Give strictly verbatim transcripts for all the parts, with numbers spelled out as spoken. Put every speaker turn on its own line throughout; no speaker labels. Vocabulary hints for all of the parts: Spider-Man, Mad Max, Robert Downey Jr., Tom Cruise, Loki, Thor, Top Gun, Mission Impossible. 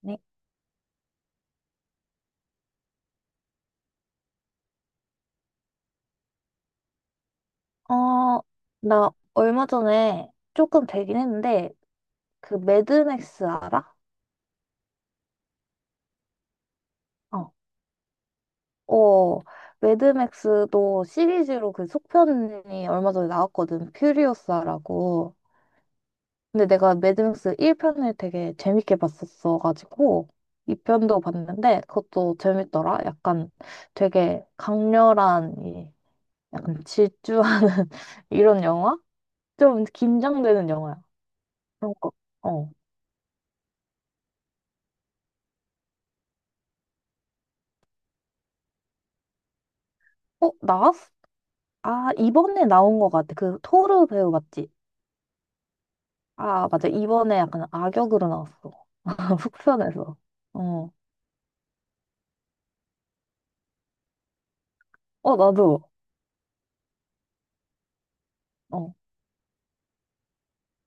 네. 어, 나 얼마 전에 조금 되긴 했는데, 그 매드맥스 알아? 어. 어, 매드맥스도 시리즈로 그 속편이 얼마 전에 나왔거든. 퓨리오사라고. 근데 내가 매드맥스 일 편을 되게 재밌게 봤었어가지고, 이 편도 봤는데, 그것도 재밌더라. 약간 되게 강렬한, 이 약간 질주하는 이런 영화? 좀 긴장되는 영화야. 그런 거. 어. 어, 나왔어? 아, 이번에 나온 것 같아. 그 토르 배우 맞지? 아, 맞아. 이번에 약간 악역으로 나왔어. 속편에서. 어. 어, 나도. 어,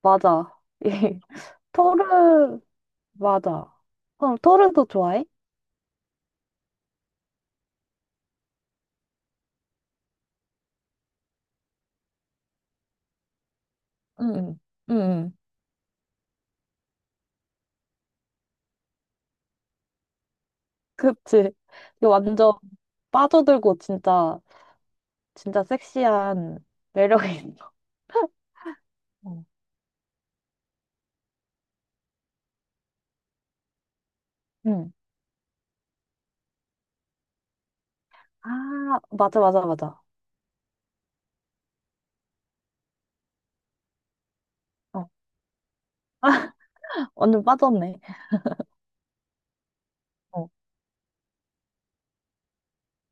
맞아. 이 토르, 맞아. 그럼 토르도 좋아해? 응, 응, 응. 응. 그치. 이거 완전 빠져들고 진짜, 진짜 섹시한 매력이 있어. 어. 응. 아, 맞아, 맞아, 맞아. 어, 완전 빠졌네. 어,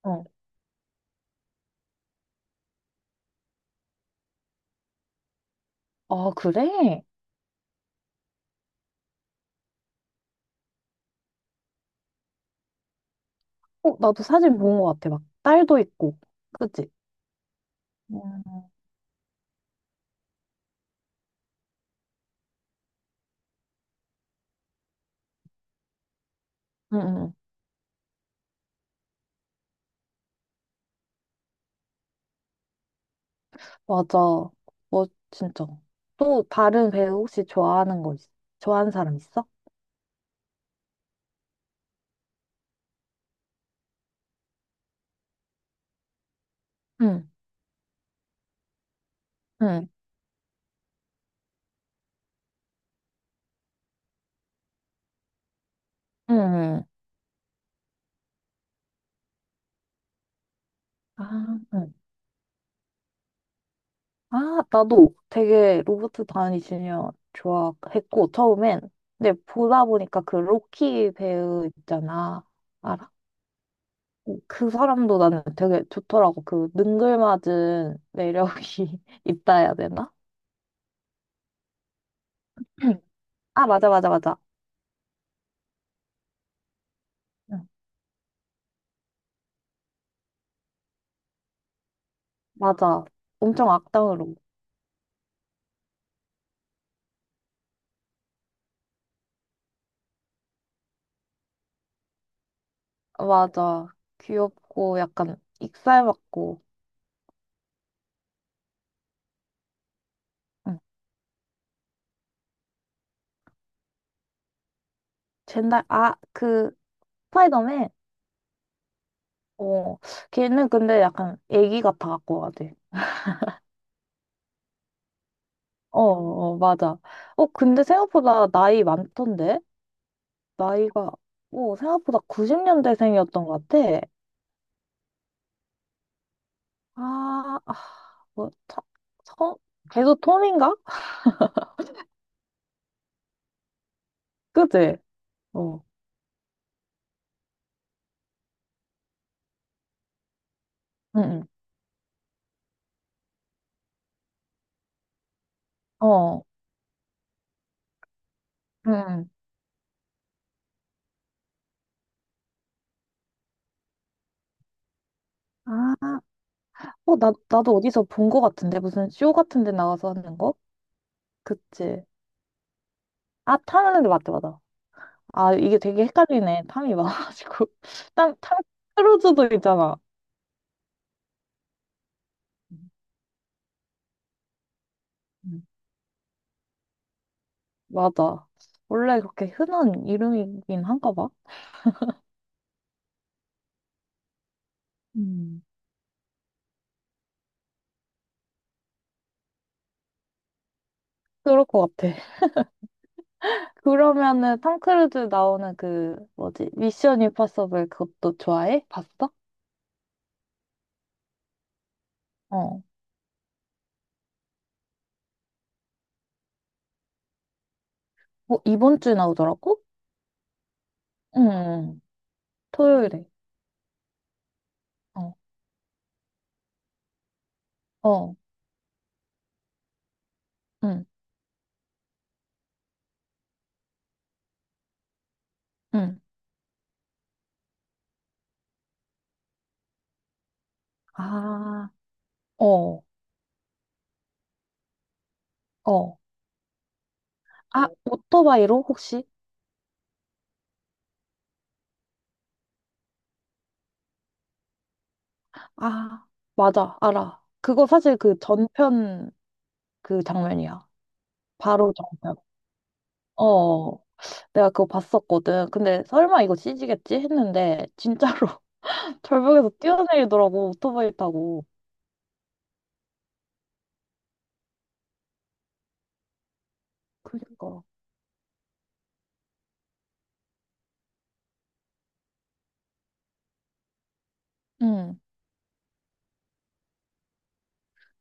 어. 아, 그래? 어, 나도 사진 본 것 같아. 막 딸도 있고. 그치? 음, 응. 응. 맞아. 뭐 진짜. 또 다른 배우 혹시 좋아하는 거 있어? 좋아하는 사람 있어? 응, 응, 응. 아, 응. 아, 나도 되게 로버트 다니 주니어 좋아했고 처음엔. 근데 보다 보니까 그 로키 배우 있잖아. 알아? 어, 그 사람도 나는 되게 좋더라고. 그 능글맞은 매력이 있다 해야 되나? 아, 맞아, 맞아, 맞아. 응. 맞아. 엄청 악당으로. 맞아. 귀엽고 약간 익살맞고. 응. 젠달, 아, 그, 스파이더맨? 어, 걔는 근데 약간 애기 같아 갖고 가야 돼. 어, 어, 맞아. 어, 근데 생각보다 나이 많던데? 나이가, 어, 생각보다 구십 년대생이었던 것 같아. 아, 아, 뭐, 차, 성, 계속 톰인가? 그지? 어, 응, 응. 어, 응 응. 아, 어, 나, 나도 어디서 본 거 같은데? 무슨 쇼 같은 데 나가서 하는 거? 그치. 아, 탐하는데 맞다, 맞아. 아, 이게 되게 헷갈리네. 탐이 많아가지고. 탐, 탐 크루즈도 있잖아. 음, 음. 맞아. 원래 그렇게 흔한 이름이긴 한가 봐. 음. 그럴 것 같아. 그러면은 탐 크루즈 나오는 그, 뭐지? 미션 임파서블 그것도 좋아해? 봤어? 어. 어, 이번 주에 나오더라고? 응, 응. 응. 토요일에. 어, 어, 응, 응. 아. 어, 어. 아, 오토바이로 혹시? 아, 맞아, 알아. 그거 사실 그 전편 그 장면이야. 바로 전편. 어, 어. 내가 그거 봤었거든. 근데 설마 이거 씨지겠지? 했는데 진짜로 절벽에서 뛰어내리더라고, 오토바이 타고. 그니까. 응.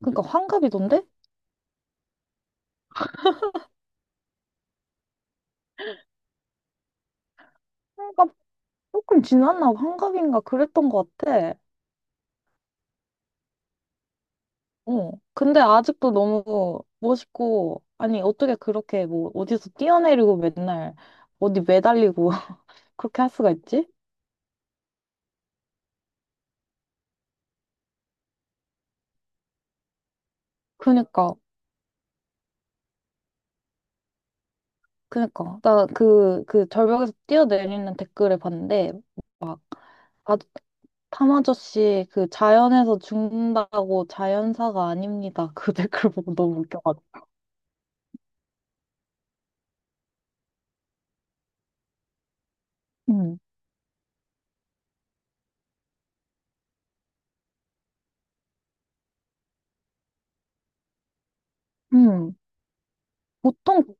그니까 환갑이던데? 환갑 조금 지났나? 환갑인가? 그랬던 것 같아. 어. 근데 아직도 너무 멋있고, 아니, 어떻게 그렇게 뭐 어디서 뛰어내리고 맨날 어디 매달리고 그렇게 할 수가 있지? 그니까, 그니까. 나 그, 그 절벽에서 뛰어내리는 댓글을 봤는데, 막, 아, 탐 아저씨 그 자연에서 죽는다고 자연사가 아닙니다. 그 댓글 보고 너무 웃겨가지고. 응, 응. 보통,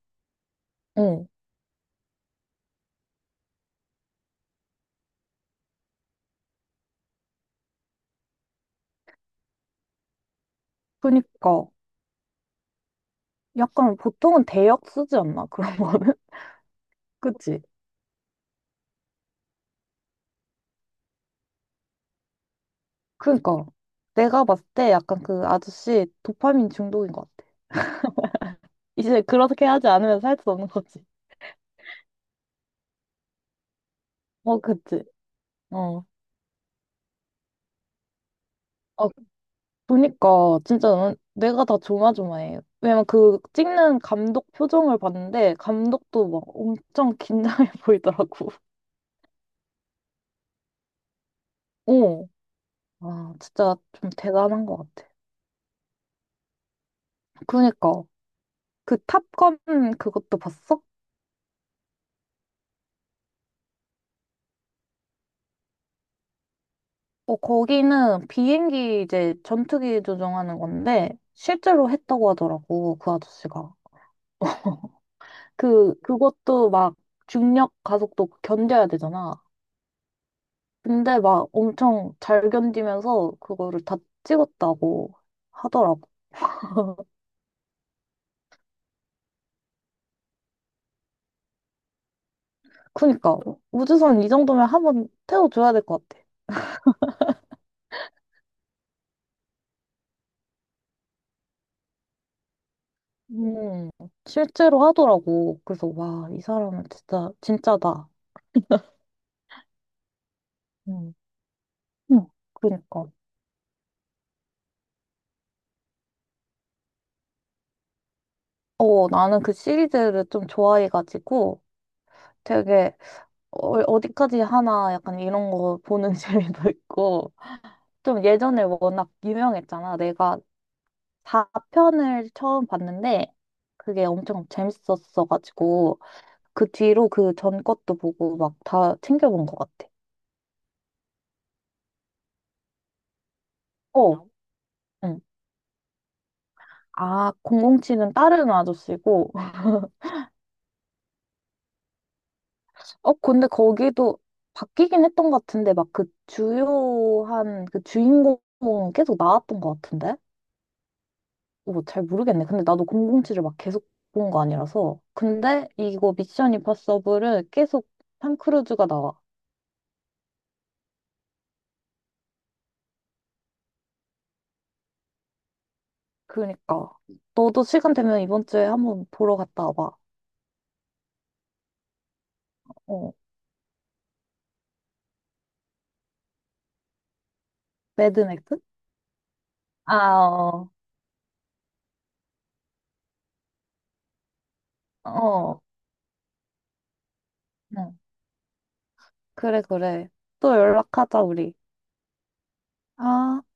어. 그니까. 약간 보통은 대역 쓰지 않나? 그런 거는? 그치? 그러니까 내가 봤을 때 약간 그 아저씨 도파민 중독인 것 같아. 이제 그렇게 하지 않으면 살 수 없는 거지. 어, 그치. 어. 아, 보니까 진짜 난 내가 다 조마조마해. 왜냐면 그 찍는 감독 표정을 봤는데 감독도 막 엄청 긴장해 보이더라고. 어. 아, 진짜 좀 대단한 것 같아. 그러니까 그 탑건 그것도 봤어? 어, 거기는 비행기 이제 전투기 조종하는 건데 실제로 했다고 하더라고, 그 아저씨가. 그, 그것도 막 중력 가속도 견뎌야 되잖아. 근데 막 엄청 잘 견디면서 그거를 다 찍었다고 하더라고. 그니까, 우주선 이 정도면 한번 태워줘야 될 것 같아. 음, 실제로 하더라고. 그래서 와, 이 사람은 진짜, 진짜다. 음, 음, 그니까. 어, 나는 그 시리즈를 좀 좋아해가지고 되게 어, 어디까지 하나 약간 이런 거 보는 재미도 있고. 좀 예전에 워낙 유명했잖아. 내가 사 편을 처음 봤는데 그게 엄청 재밌었어가지고 그 뒤로 그 전 것도 보고 막 다 챙겨본 것 같아. 어, 응. 아, 공공치은 다른 아저씨고. 어, 근데 거기도 바뀌긴 했던 것 같은데 막 그 주요한 그 주인공은 계속 나왔던 것 같은데? 뭐 잘 모르겠네. 근데 나도 공공치을막 계속 본 거 아니라서. 근데 이거 미션 임파서블은 계속 탐 크루즈가 나와. 그니까. 너도 시간 되면 이번 주에 한번 보러 갔다 와봐. 어. 매드맥스? 아, 어. 어. 응. 그래, 그래. 또 연락하자, 우리. 아.